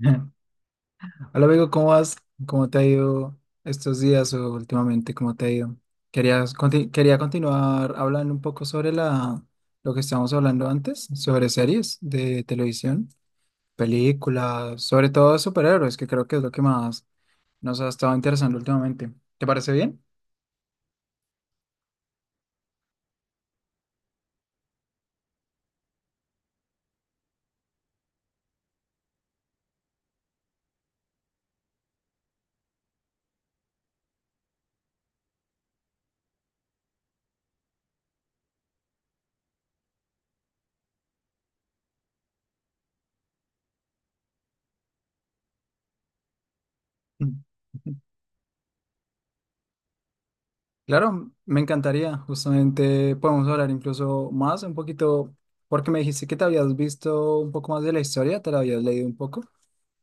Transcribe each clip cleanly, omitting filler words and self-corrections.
Hola amigo, ¿cómo vas? ¿Cómo te ha ido estos días o últimamente? ¿Cómo te ha ido? Querías quería continuar hablando un poco sobre lo que estábamos hablando antes, sobre series de televisión, películas, sobre todo superhéroes, que creo que es lo que más nos ha estado interesando últimamente. ¿Te parece bien? Mm. Claro, me encantaría. Justamente podemos hablar incluso más un poquito, porque me dijiste que te habías visto un poco más de la historia, te la habías leído un poco.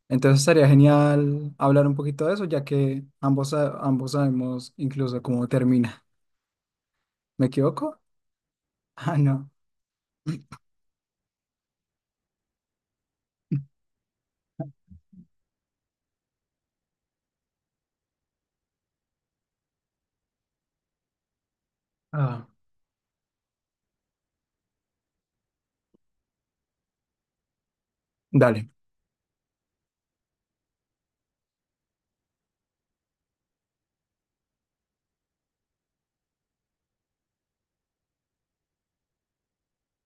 Entonces sería genial hablar un poquito de eso, ya que ambos, ambos sabemos incluso cómo termina. ¿Me equivoco? Ah, no. Ah. Dale.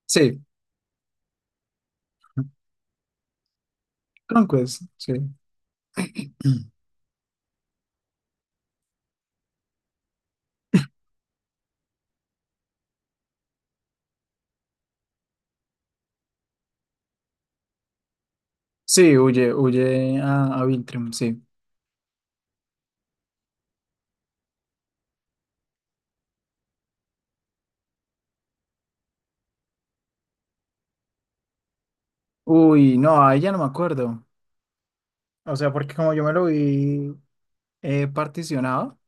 Sí. Conquest, sí. Sí, huye, huye a Viltrum, sí. Uy, no, ahí ya no me acuerdo. O sea, porque como yo me lo vi particionado,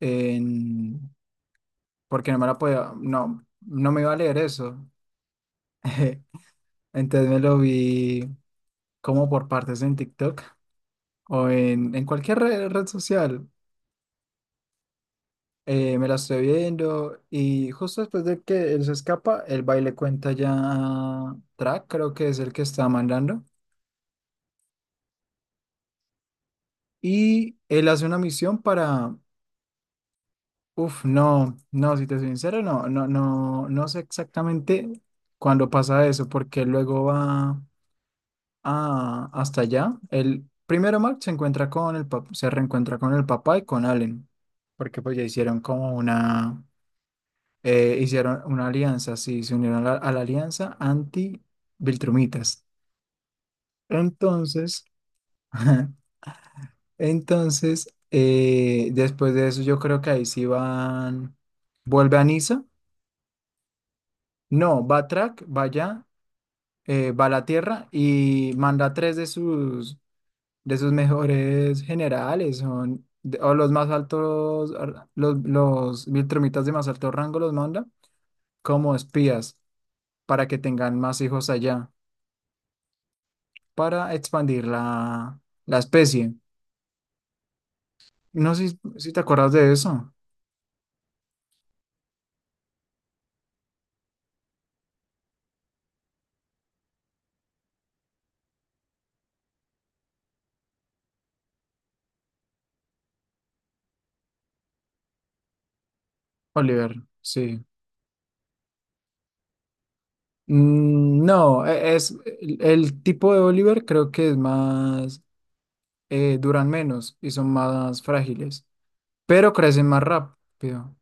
en. Porque no me la podía, no me iba a leer eso. Entonces me lo vi como por partes en TikTok, o en cualquier red social. Me la estoy viendo y justo después de que él se escapa, el baile cuenta ya a Track, creo que es el que está mandando. Y él hace una misión para. Uf, no, no, si te soy sincero, no sé exactamente cuándo pasa eso, porque luego va hasta allá. El primero Mark se encuentra con el se reencuentra con el papá y con Allen, porque pues ya hicieron como una. Hicieron una alianza, sí, se unieron a a la alianza anti-Viltrumitas. Entonces, ajá, entonces, después de eso, yo creo que ahí sí van, vuelve a Niza, no, va Track, va allá, va a la Tierra y manda 3 de de sus mejores generales, son, o los más altos, los Viltrumitas de más alto rango los manda como espías para que tengan más hijos allá, para expandir la especie. No sé si te acuerdas de eso. Oliver. Sí. Mm, no, es el tipo de Oliver creo que es más, duran menos y son más frágiles, pero crecen más rápido,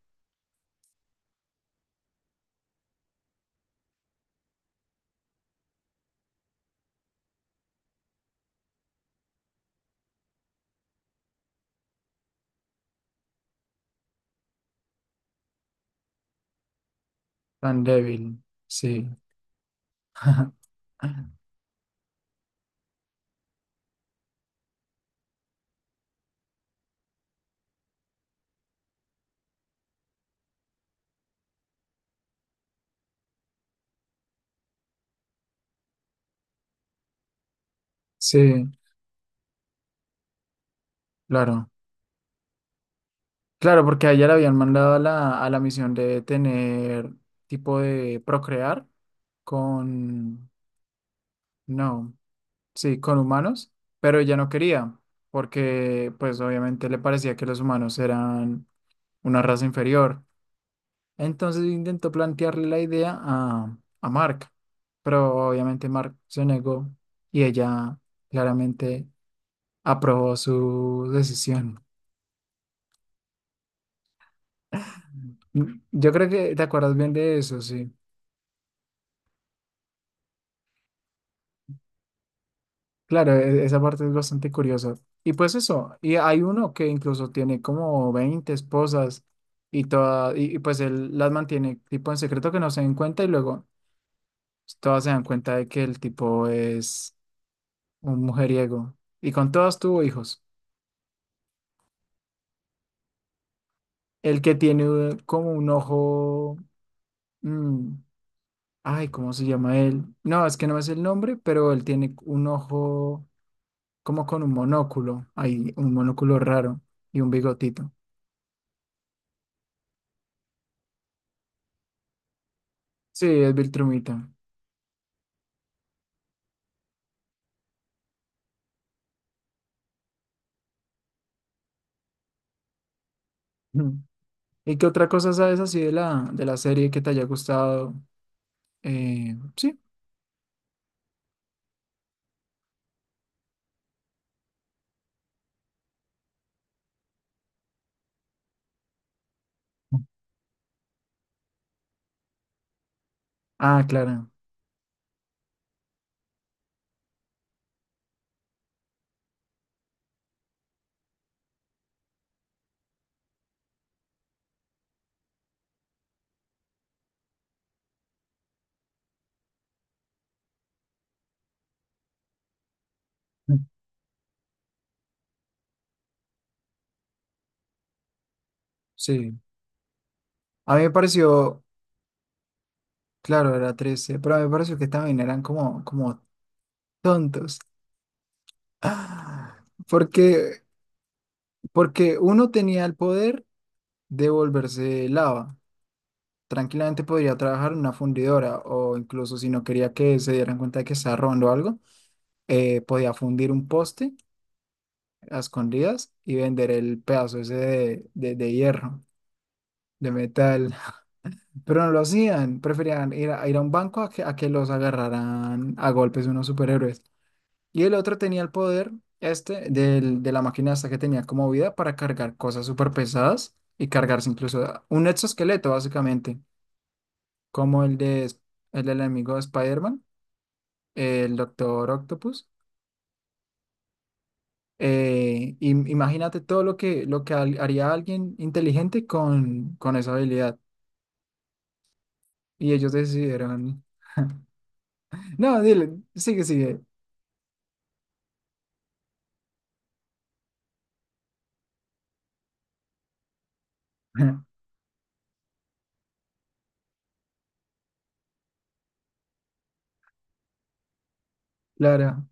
tan débil. Sí. Sí, claro. Claro, porque a ella la habían mandado a a la misión de tener tipo de procrear con. No. Sí, con humanos, pero ella no quería, porque pues obviamente le parecía que los humanos eran una raza inferior. Entonces intentó plantearle la idea a Mark, pero obviamente Mark se negó y ella claramente aprobó su decisión. Mm, yo creo que te acuerdas bien de eso, sí. Claro, esa parte es bastante curiosa. Y pues eso, y hay uno que incluso tiene como 20 esposas y todas, y pues él las mantiene tipo en secreto que no se den cuenta y luego todas se dan cuenta de que el tipo es un mujeriego. Y con todas tuvo hijos. El que tiene como un ojo, mm, ay, ¿cómo se llama él? No, es que no me sé el nombre, pero él tiene un ojo como con un monóculo, hay un monóculo raro y un bigotito. Sí, es Viltrumita. Ujú. ¿Y qué otra cosa sabes así de de la serie que te haya gustado? Sí. Ah, claro. Mm. Sí. A mí me pareció, claro, era 13, pero a mí me pareció que también eran como, como tontos. Ah. Porque, porque uno tenía el poder de volverse lava. Tranquilamente podría trabajar en una fundidora o incluso si no quería que se dieran cuenta de que estaba robando algo, podía fundir un poste a escondidas y vender el pedazo ese de hierro, de metal. Pero no lo hacían, preferían ir ir a un banco a a que los agarraran a golpes unos superhéroes. Y el otro tenía el poder, este, del, de la máquina esta que tenía como vida para cargar cosas súper pesadas y cargarse incluso un exoesqueleto, básicamente, como el de, el del enemigo de Spider-Man, el Doctor Octopus. Imagínate todo lo que, haría alguien inteligente con esa habilidad. Y ellos decidieron. No, dile, sigue, sigue. Claro.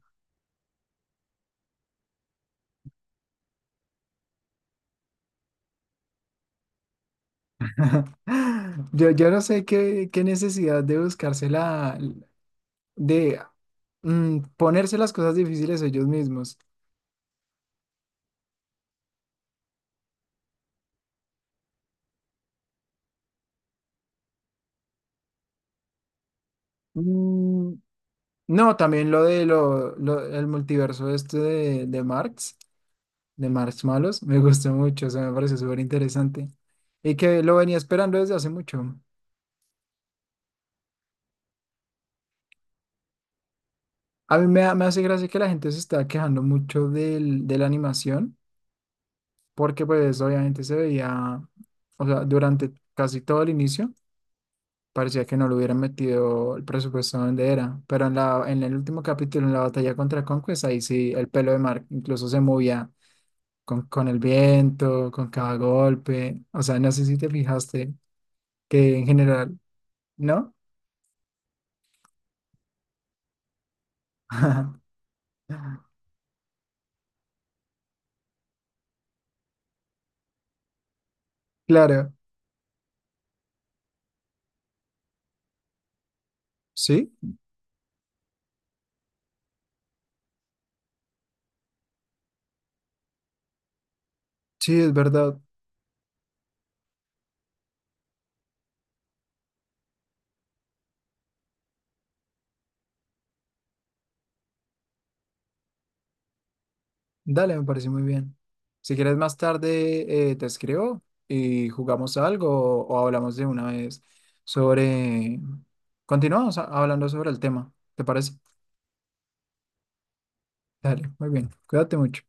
Yo no sé qué necesidad de buscarse la, de ponerse las cosas difíciles ellos mismos. Mm, no, también lo de lo, el multiverso este de Marx. De Marshmallows. Me gustó mucho, eso me parece súper interesante. Y que lo venía esperando desde hace mucho. A mí me, me hace gracia que la gente se está quejando mucho del, de la animación, porque pues obviamente se veía, o sea, durante casi todo el inicio, parecía que no le hubieran metido el presupuesto donde era. Pero en la, en el último capítulo, en la batalla contra Conquest, ahí sí, el pelo de Mark incluso se movía con, el viento, con cada golpe. O sea, no sé si te fijaste que en general, ¿no? Claro, sí, sí, es verdad. Dale, me parece muy bien. Si quieres más tarde, te escribo y jugamos algo o hablamos de una vez sobre. Continuamos hablando sobre el tema, ¿te parece? Dale, muy bien. Cuídate mucho.